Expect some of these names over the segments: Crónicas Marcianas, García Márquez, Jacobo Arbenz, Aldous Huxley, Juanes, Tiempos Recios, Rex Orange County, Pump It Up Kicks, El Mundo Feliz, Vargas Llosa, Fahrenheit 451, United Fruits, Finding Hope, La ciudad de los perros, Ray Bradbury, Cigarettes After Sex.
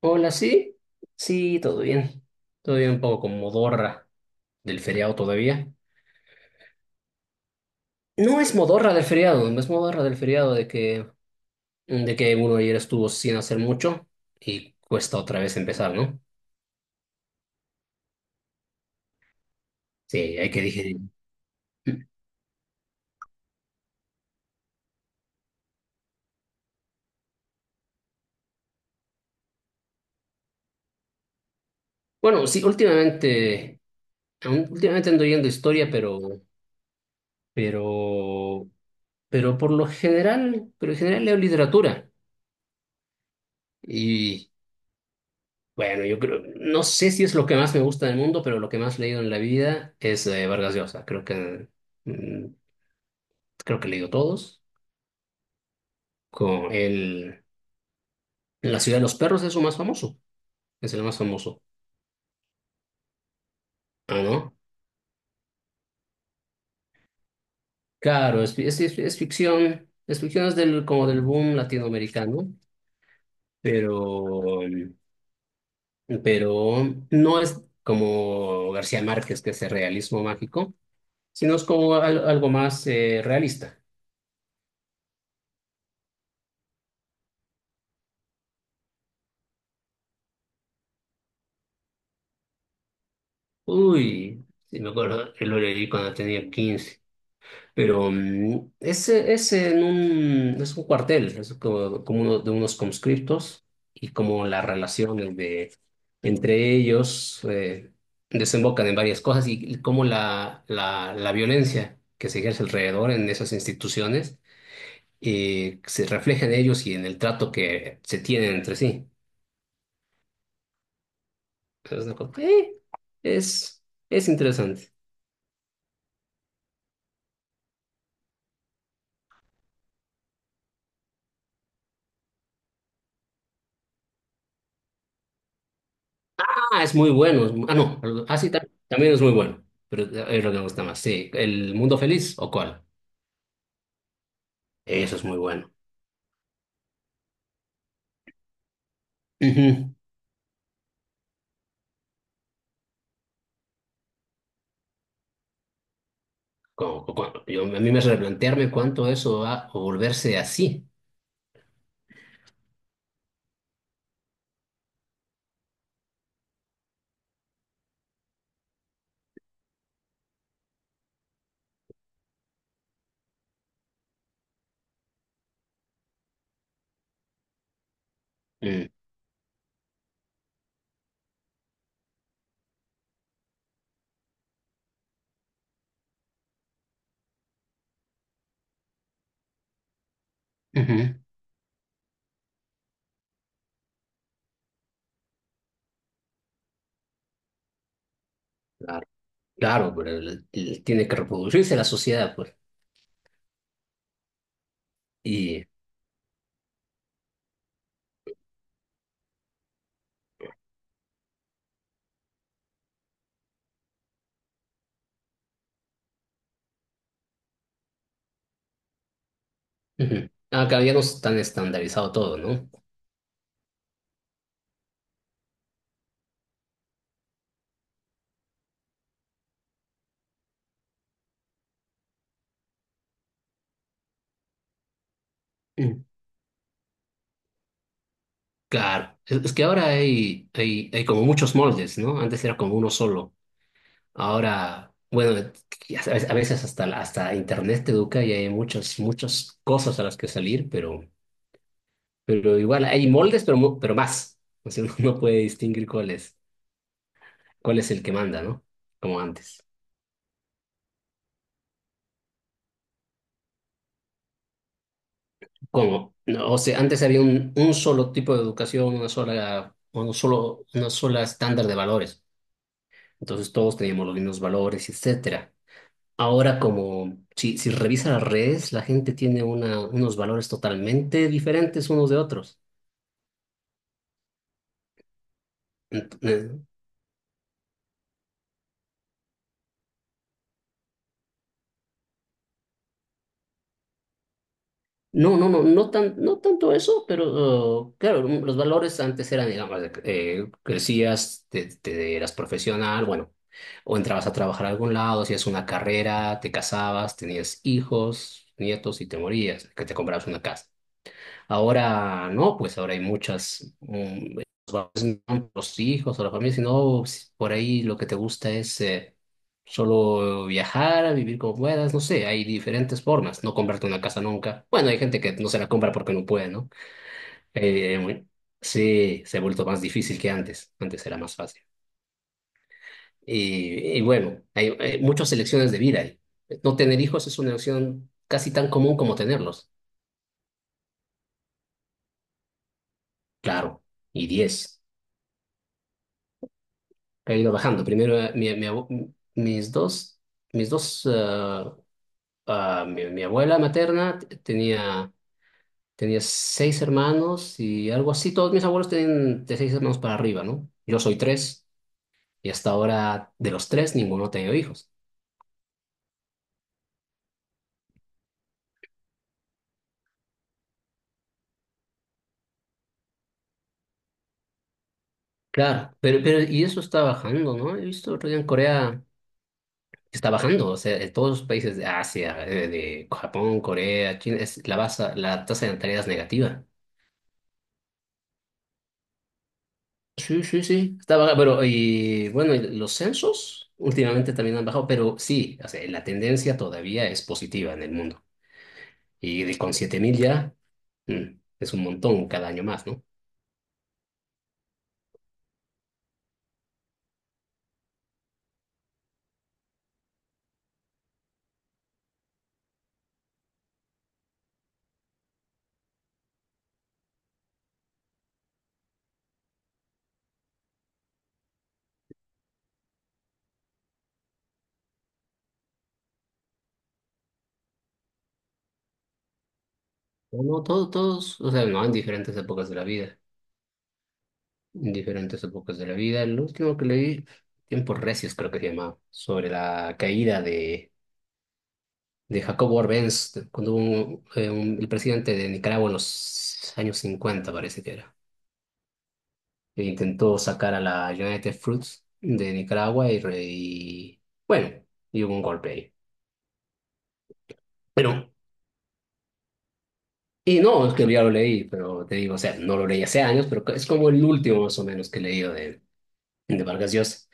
Hola, sí. Sí, todo bien. Todo bien, un poco con modorra del feriado todavía. No es modorra del feriado, no es modorra del feriado de que uno ayer estuvo sin hacer mucho y cuesta otra vez empezar, ¿no? Sí, hay que digerir. Bueno, sí, últimamente, últimamente ando yendo historia, pero, pero por lo general, pero en general leo literatura. Bueno, yo creo, no sé si es lo que más me gusta del mundo, pero lo que más he leído en la vida es Vargas Llosa. Mm, creo que he leído todos. Con el, La ciudad de los perros es su más famoso. Es el más famoso. Ah, ¿no? Claro, es ficción. Es ficción, es del, como del boom latinoamericano, pero, pero no es como García Márquez, que es el realismo mágico, sino es como algo más realista. Uy, sí me acuerdo, yo lo leí cuando tenía 15. Pero ese es en un, es un cuartel, es como, como uno de unos conscriptos y como las relaciones de, entre ellos desembocan en varias cosas y como la violencia que se ejerce alrededor en esas instituciones, se refleja en ellos y en el trato que se tienen entre sí. Es, una cosa- eh, es, es interesante. Ah, es muy bueno. Ah, no. Ah, sí, también es muy bueno. Pero es lo que me gusta más. Sí, ¿El Mundo Feliz o cuál? Eso es muy bueno. Ujú. Yo, a mí me hace replantearme cuánto eso va a volverse así. Mm. Ujú. Claro, claro, pero tiene que reproducirse la sociedad, pues. Y ujú. Ah, claro, ya no es tan estandarizado todo, ¿no? Mm. Claro, es que ahora hay, hay como muchos moldes, ¿no? Antes era como uno solo. Ahora, bueno, a veces hasta, hasta Internet te educa y hay muchas, muchas cosas a las que salir, pero igual hay moldes, pero más. O sea, uno no puede distinguir cuál es el que manda, ¿no? Como antes. Como, no, o sea, antes había un solo tipo de educación, una sola estándar de valores. Entonces todos teníamos los mismos valores, etcétera. Ahora, como si, si revisa las redes, la gente tiene unos valores totalmente diferentes unos de otros. Eh, No, no, no, no tan, no tanto eso, pero claro, los valores antes eran, digamos, crecías, te eras profesional, bueno, o entrabas a trabajar a algún lado, hacías una carrera, te casabas, tenías hijos, nietos y te morías, que te comprabas una casa. Ahora no, pues ahora hay muchas, los valores no son los hijos o la familia, sino si por ahí lo que te gusta es solo viajar, vivir como puedas, no sé, hay diferentes formas, no comprarte una casa nunca. Bueno, hay gente que no se la compra porque no puede, ¿no? Bueno, sí, se ha vuelto más difícil que antes, antes era más fácil. Y bueno, hay muchas elecciones de vida ahí. No tener hijos es una elección casi tan común como tenerlos, claro, y diez. He ido bajando. Primero, mis dos, mis dos, eh, mi abuela materna tenía, tenía 6 hermanos y algo así. Todos mis abuelos tienen de 6 hermanos para arriba, ¿no? Yo soy 3 y hasta ahora de los 3 ninguno ha tenido hijos. Claro, pero y eso está bajando, ¿no? He visto otro día en Corea que está bajando, o sea, en todos los países de Asia, de Japón, Corea, China, la tasa de natalidad es negativa. Sí, sí, sí, está baja, pero y bueno, y los censos últimamente también han bajado, pero sí, o sea, la tendencia todavía es positiva en el mundo. Con 7.000 ya mm, es un montón cada año más, ¿no? No, todos, todos, o sea, no, en diferentes épocas de la vida. El último que leí, Tiempos Recios creo que se llamaba, sobre la caída de Jacobo Arbenz, cuando el presidente de Nicaragua en los años 50 parece que era. E intentó sacar a la United Fruits de Nicaragua y, bueno, y hubo un golpe ahí. Pero, y no, es que ya lo leí, pero te digo, o sea, no lo leí hace años, pero es como el último más o menos que he leído de Vargas Llosa.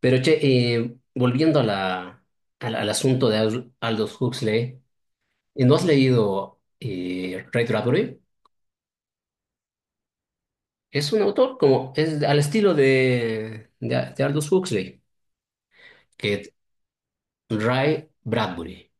Pero che, volviendo a la, al asunto de Aldous Huxley, ¿no has leído Ray Bradbury? Es un autor como, es al estilo de, de Aldous Huxley, que Ray Bradbury.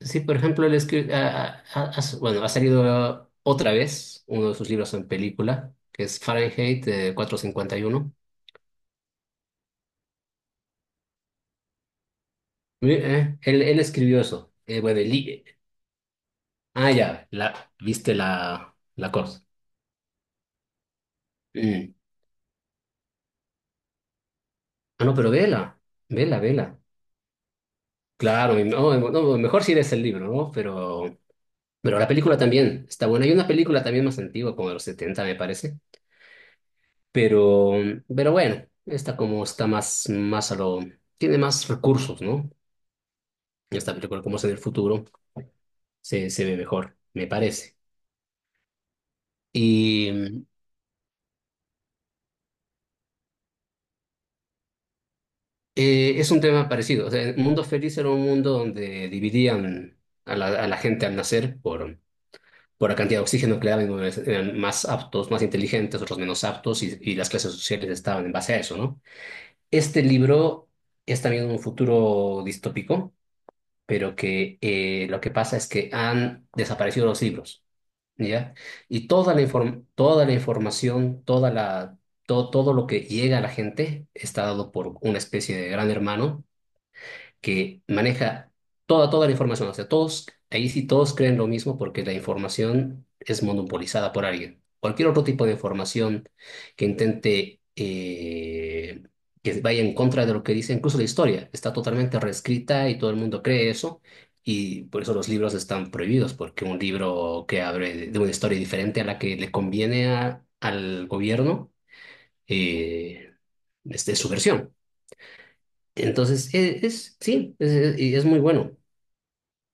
Sí, por ejemplo, él escri- ha, ha- ha- bueno, ha salido otra vez uno de sus libros en película, que es Fahrenheit 451. Él escribió eso. Ah, ya, la, viste la, la cosa. Mm. Ah, no, pero vela, vela, vela. Claro, y no, no, no, mejor si lees el libro, ¿no? Pero la película también está buena. Hay una película también más antigua, como de los 70 me parece. Pero, pero bueno, esta como está más, más a lo... Tiene más recursos, ¿no? Y esta película como es en el futuro, se ve mejor, me parece. Y es un tema parecido. O sea, el mundo feliz era un mundo donde dividían a la gente al nacer por la cantidad de oxígeno que le daban, unos eran más aptos, más inteligentes, otros menos aptos, y las clases sociales estaban en base a eso, ¿no? Este libro es también un futuro distópico, pero que lo que pasa es que han desaparecido los libros. ¿Ya? Y toda la información, todo lo que llega a la gente está dado por una especie de gran hermano que maneja toda la información. O sea, todos, ahí sí todos creen lo mismo porque la información es monopolizada por alguien. Cualquier otro tipo de información que intente, que vaya en contra de lo que dice, incluso la historia, está totalmente reescrita y todo el mundo cree eso. Y por eso los libros están prohibidos, porque un libro que abre de una historia diferente a la que le conviene al gobierno, eh, es su versión. Entonces, e- es, sí, es- y es muy bueno.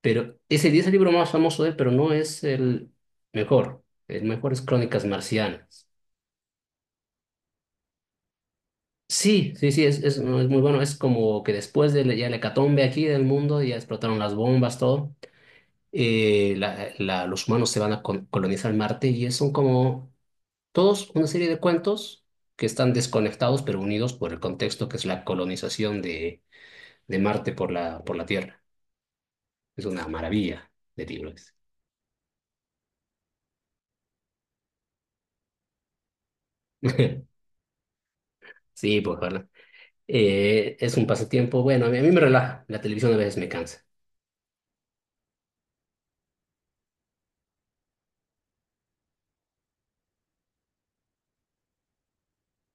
Pero ese es el libro más famoso de él, pero no es el mejor. El mejor es Crónicas Marcianas. Sí, sí, sí, no, es muy bueno. Es como que después de ya la hecatombe aquí del mundo, ya explotaron las bombas, todo. Los humanos se van a colonizar Marte y son como todos una serie de cuentos que están desconectados pero unidos por el contexto que es la colonización de Marte por la Tierra. Es una maravilla de libros. Sí, pues, es un pasatiempo, bueno, a mí me relaja, la televisión a veces me cansa.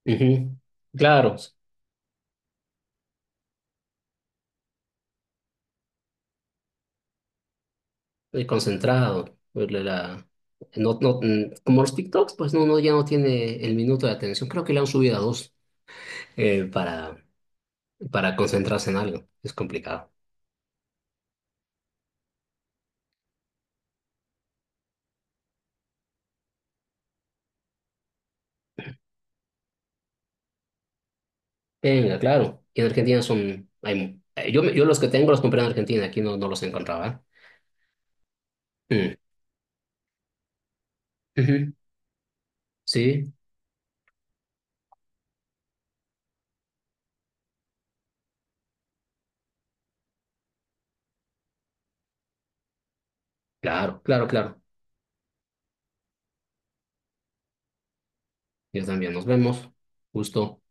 Ujú. Claro, estoy concentrado, pues. La- no, no, mm, Como los TikToks, pues no, no, ya no tiene el minuto de atención. Creo que le han subido a 2 eh, para, para concentrarse en algo. Es complicado. Venga, claro. Y en Argentina son... Hay, yo los que tengo los compré en Argentina, aquí no, no los encontraba. ¿Eh? Mm. Ujú. Sí, claro. Yo también. Nos vemos. Gusto.